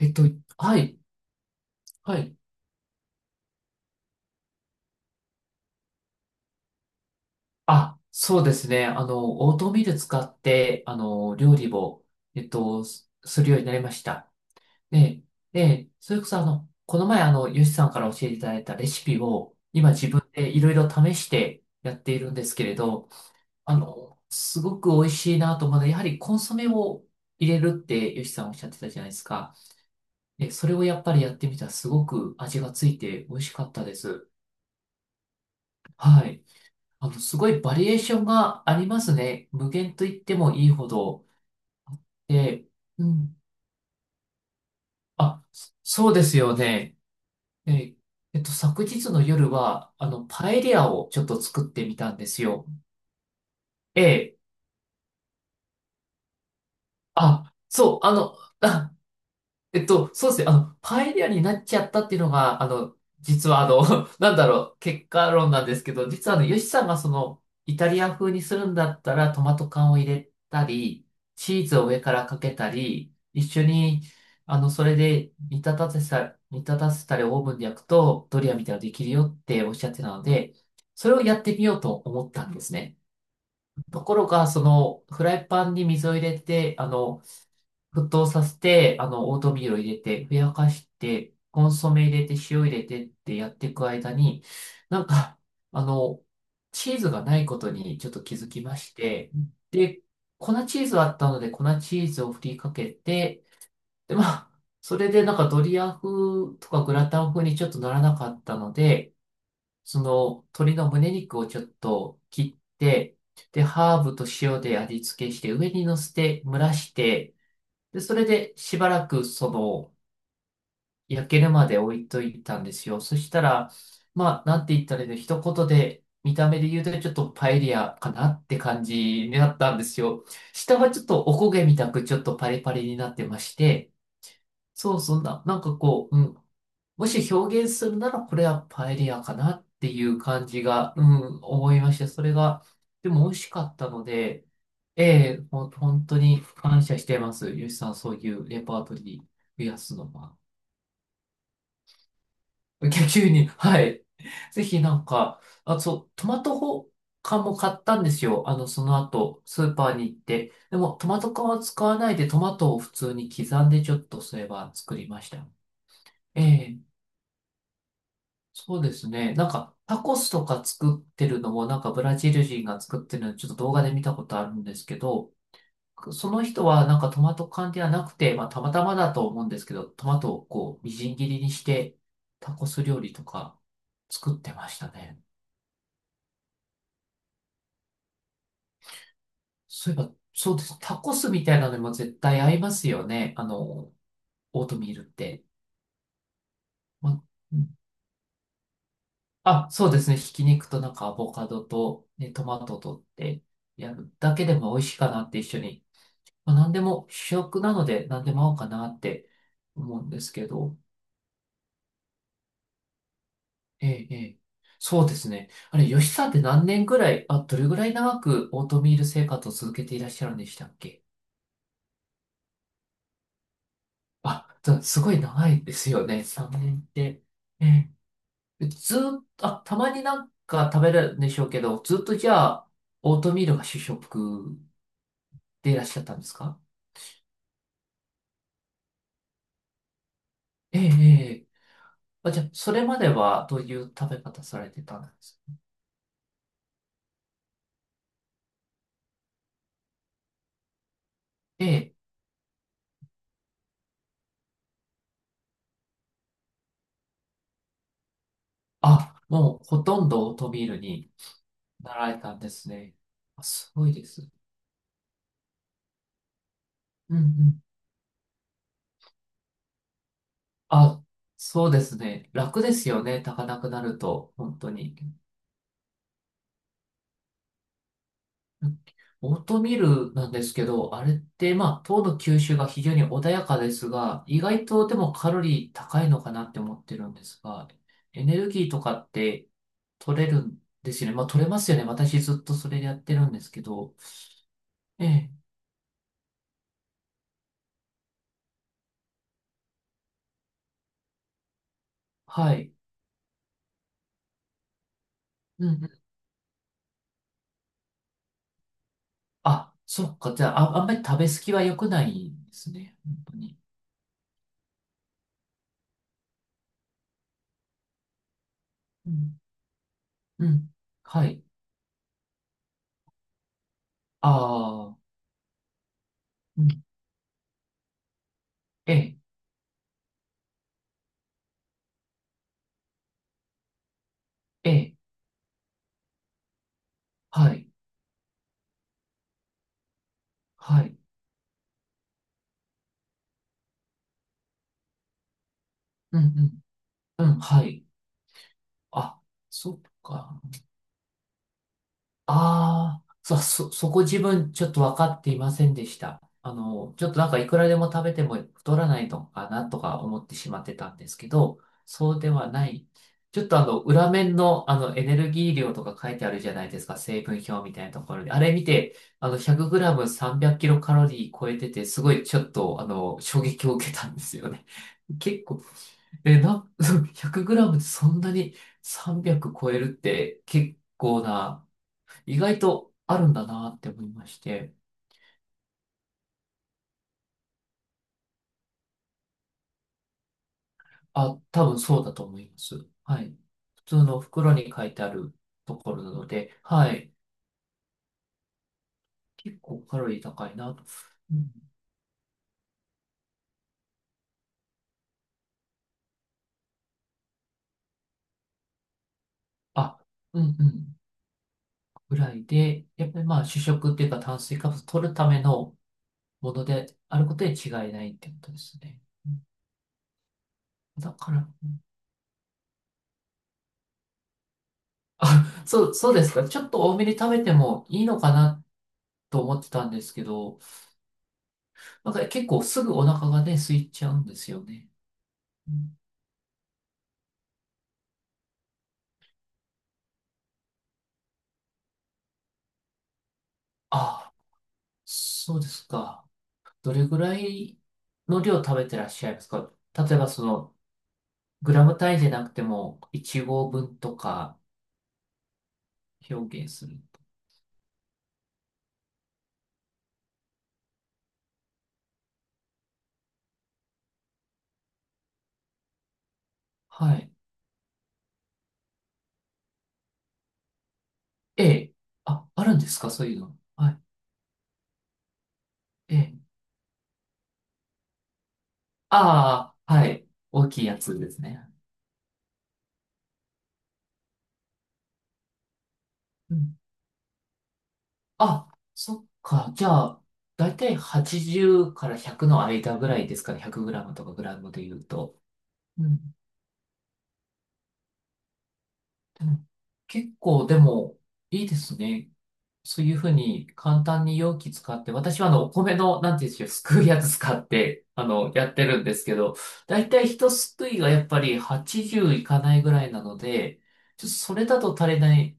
えっと、はい、はい。あ、そうですね。オートミール使って、料理を、すするようになりました。で、で、それこそ、この前、ヨシさんから教えていただいたレシピを、今自分でいろいろ試してやっているんですけれど、すごく美味しいなと思うので、やはりコンソメを入れるってヨシさんおっしゃってたじゃないですか。で、それをやっぱりやってみたら、すごく味がついて美味しかったです。はい。すごいバリエーションがありますね。無限と言ってもいいほど。で、うん。あ、そうですよね。え、昨日の夜は、パエリアをちょっと作ってみたんですよ。ええ。あ、そう、そうですね。パエリアになっちゃったっていうのが、実はなんだろう、結果論なんですけど、実はヨシさんがイタリア風にするんだったら、トマト缶を入れたり、チーズを上からかけたり、一緒に、それで煮立たせたりオーブンで焼くと、ドリアみたいなのできるよっておっしゃってたので、それをやってみようと思ったんですね。ところが、フライパンに水を入れて、沸騰させて、オートミールを入れて、ふやかして、コンソメ入れて、塩入れてってやっていく間に、なんか、あの、チーズがないことにちょっと気づきまして、で、粉チーズあったので、粉チーズを振りかけて、で、まあ、それでなんかドリア風とかグラタン風にちょっとならなかったので、その鶏の胸肉をちょっと切って、で、ハーブと塩で味付けして、上に乗せて蒸らして、で、それでしばらくその焼けるまで置いといたんですよ。そしたら、まあ、なんて言ったらいいの、一言で見た目で言うとちょっとパエリアかなって感じになったんですよ。下はちょっとお焦げみたくちょっとパリパリになってまして、そうそう、なんかこう、もし表現するならこれはパエリアかなっていう感じが、思いました。それが、でも美味しかったので、ええ、本当に感謝してます。よしさん、そういうレパートリー増やすのは。逆に、はい。ぜひなんか、あ、そう、トマト缶も買ったんですよ。その後、スーパーに行って。でも、トマト缶は使わないで、トマトを普通に刻んでちょっとすれば作りました。ええ、そうですね。なんか、タコスとか作ってるのも、なんかブラジル人が作ってるの、ちょっと動画で見たことあるんですけど、その人はなんかトマト缶ではなくて、まあたまたまだと思うんですけど、トマトをこう、みじん切りにして、タコス料理とか作ってましたね。そういえば、そうです。タコスみたいなのにも絶対合いますよね。オートミールって。まうんそうですね。ひき肉となんかアボカドと、ね、トマトとってやるだけでも美味しいかなって一緒に。まあ、何でも主役なので何でも合うかなって思うんですけど。ええ、ええ。そうですね。あれ、吉さんって何年ぐらい、あ、どれぐらい長くオートミール生活を続けていらっしゃるんでしたっけ？あ、すごい長いですよね。3年って。ええ。ずーっと、あ、たまになんか食べるんでしょうけど、ずっとじゃあ、オートミールが主食でいらっしゃったんですか？ええ、ええ。あ、じゃあ、それまではどういう食べ方されてたんですか？ええ、あ、もうほとんどオートミールになられたんですね。あ、すごいです。うんうん。あ、そうですね。楽ですよね。炊かなくなると、本当に。うんオートミールなんですけど、あれって、まあ、糖の吸収が非常に穏やかですが、意外とでもカロリー高いのかなって思ってるんですが、エネルギーとかって取れるんですよね。まあ、取れますよね。私ずっとそれでやってるんですけど。ええ、はい。うんあ、そっか。じゃあ、あ、あんまり食べ過ぎは良くないんですね。本当に。うん。うん。はい。ああ。うん。ええ。ええ。はい。はい。うん。うん。うん。はい。あ、そっか。ああ、そこ自分ちょっと分かっていませんでした。ちょっとなんかいくらでも食べても太らないのかなとか思ってしまってたんですけど、そうではない。ちょっと裏面のエネルギー量とか書いてあるじゃないですか、成分表みたいなところで。あれ見て、100g 300キロカロリー超えてて、すごいちょっと衝撃を受けたんですよね。結構、え、な、100グラムでそんなに300超えるって結構な意外とあるんだなって思いまして、あ、多分そうだと思います。はい。普通の袋に書いてあるところなので、はい。結構カロリー高いなと。うん、あ、うんうん。ぐらいで、やっぱりまあ主食っていうか炭水化物取るためのものであることに違いないってことですね。うんだから、そうですか。ちょっと多めに食べてもいいのかなと思ってたんですけど、なんか結構すぐお腹がね、空いちゃうんですよね。うんああ、そうですか。どれぐらいの量食べてらっしゃいますか？例えばその、グラム単位じゃなくても、1合分とか表現する。はい。ええ。あ、あるんですか、そういうの。はい。ええ。ああ、はい。大きいやつですね。うん。あ、そっか。じゃあ、だいたい80から100の間ぐらいですかね。100グラムとかグラムで言うと。うん。でも、結構、でも、いいですね。そういうふうに簡単に容器使って、私はお米の、なんていうんでしょう、すくうやつ使って、やってるんですけど、だいたい一すくいがやっぱり80いかないぐらいなので、ちょっとそれだと足りない。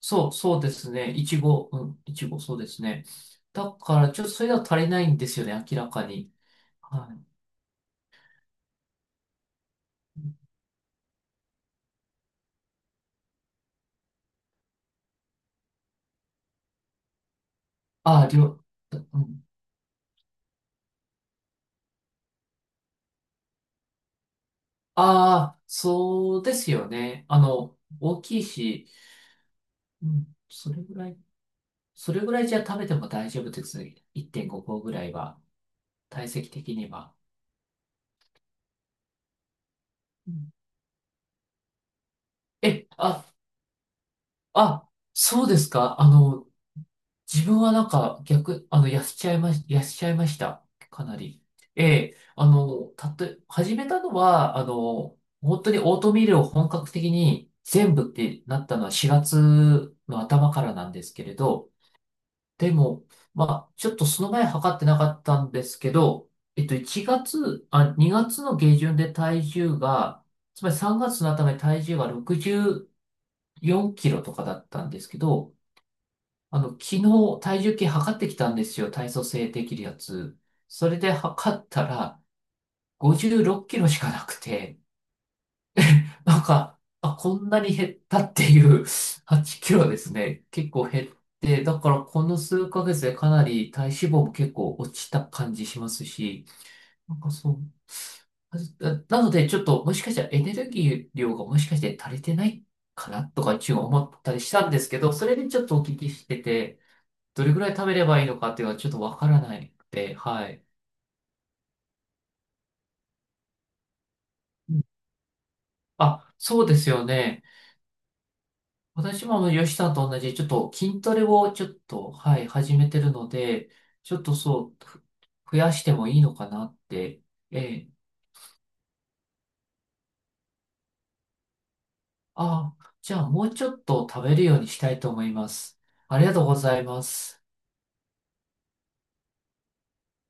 そうですね。いちご、そうですね。だから、ちょっとそれだと足りないんですよね、明らかに。はい。ああ、うん。ああ、そうですよね。大きいし、うん、それぐらい。それぐらいじゃ食べても大丈夫です。1.5合ぐらいは、体積的には。うんえ、あ、あ、そうですか。自分はなんか逆、痩せちゃいました。かなり。ええ、たとえ、始めたのは、本当にオートミールを本格的に全部ってなったのは4月の頭からなんですけれど、でも、まあ、ちょっとその前測ってなかったんですけど、1月、あ、2月の下旬で体重が、つまり3月の頭に体重が64キロとかだったんですけど、昨日体重計測ってきたんですよ。体組成できるやつ。それで測ったら56キロしかなくて、なんか、あ、こんなに減ったっていう 8キロですね。結構減って、だからこの数ヶ月でかなり体脂肪も結構落ちた感じしますし、なんかそう。あ、なのでちょっともしかしたらエネルギー量がもしかして足りてないかなとか一応思ったりしたんですけど、それでちょっとお聞きしてて、どれぐらい食べればいいのかっていうのはちょっとわからないので、はい。うんあ、そうですよね。私も吉さんと同じ、ちょっと筋トレをちょっと、はい、始めてるので、ちょっとそう、増やしてもいいのかなって。ええ。ああ、じゃあもうちょっと食べるようにしたいと思います。ありがとうございます。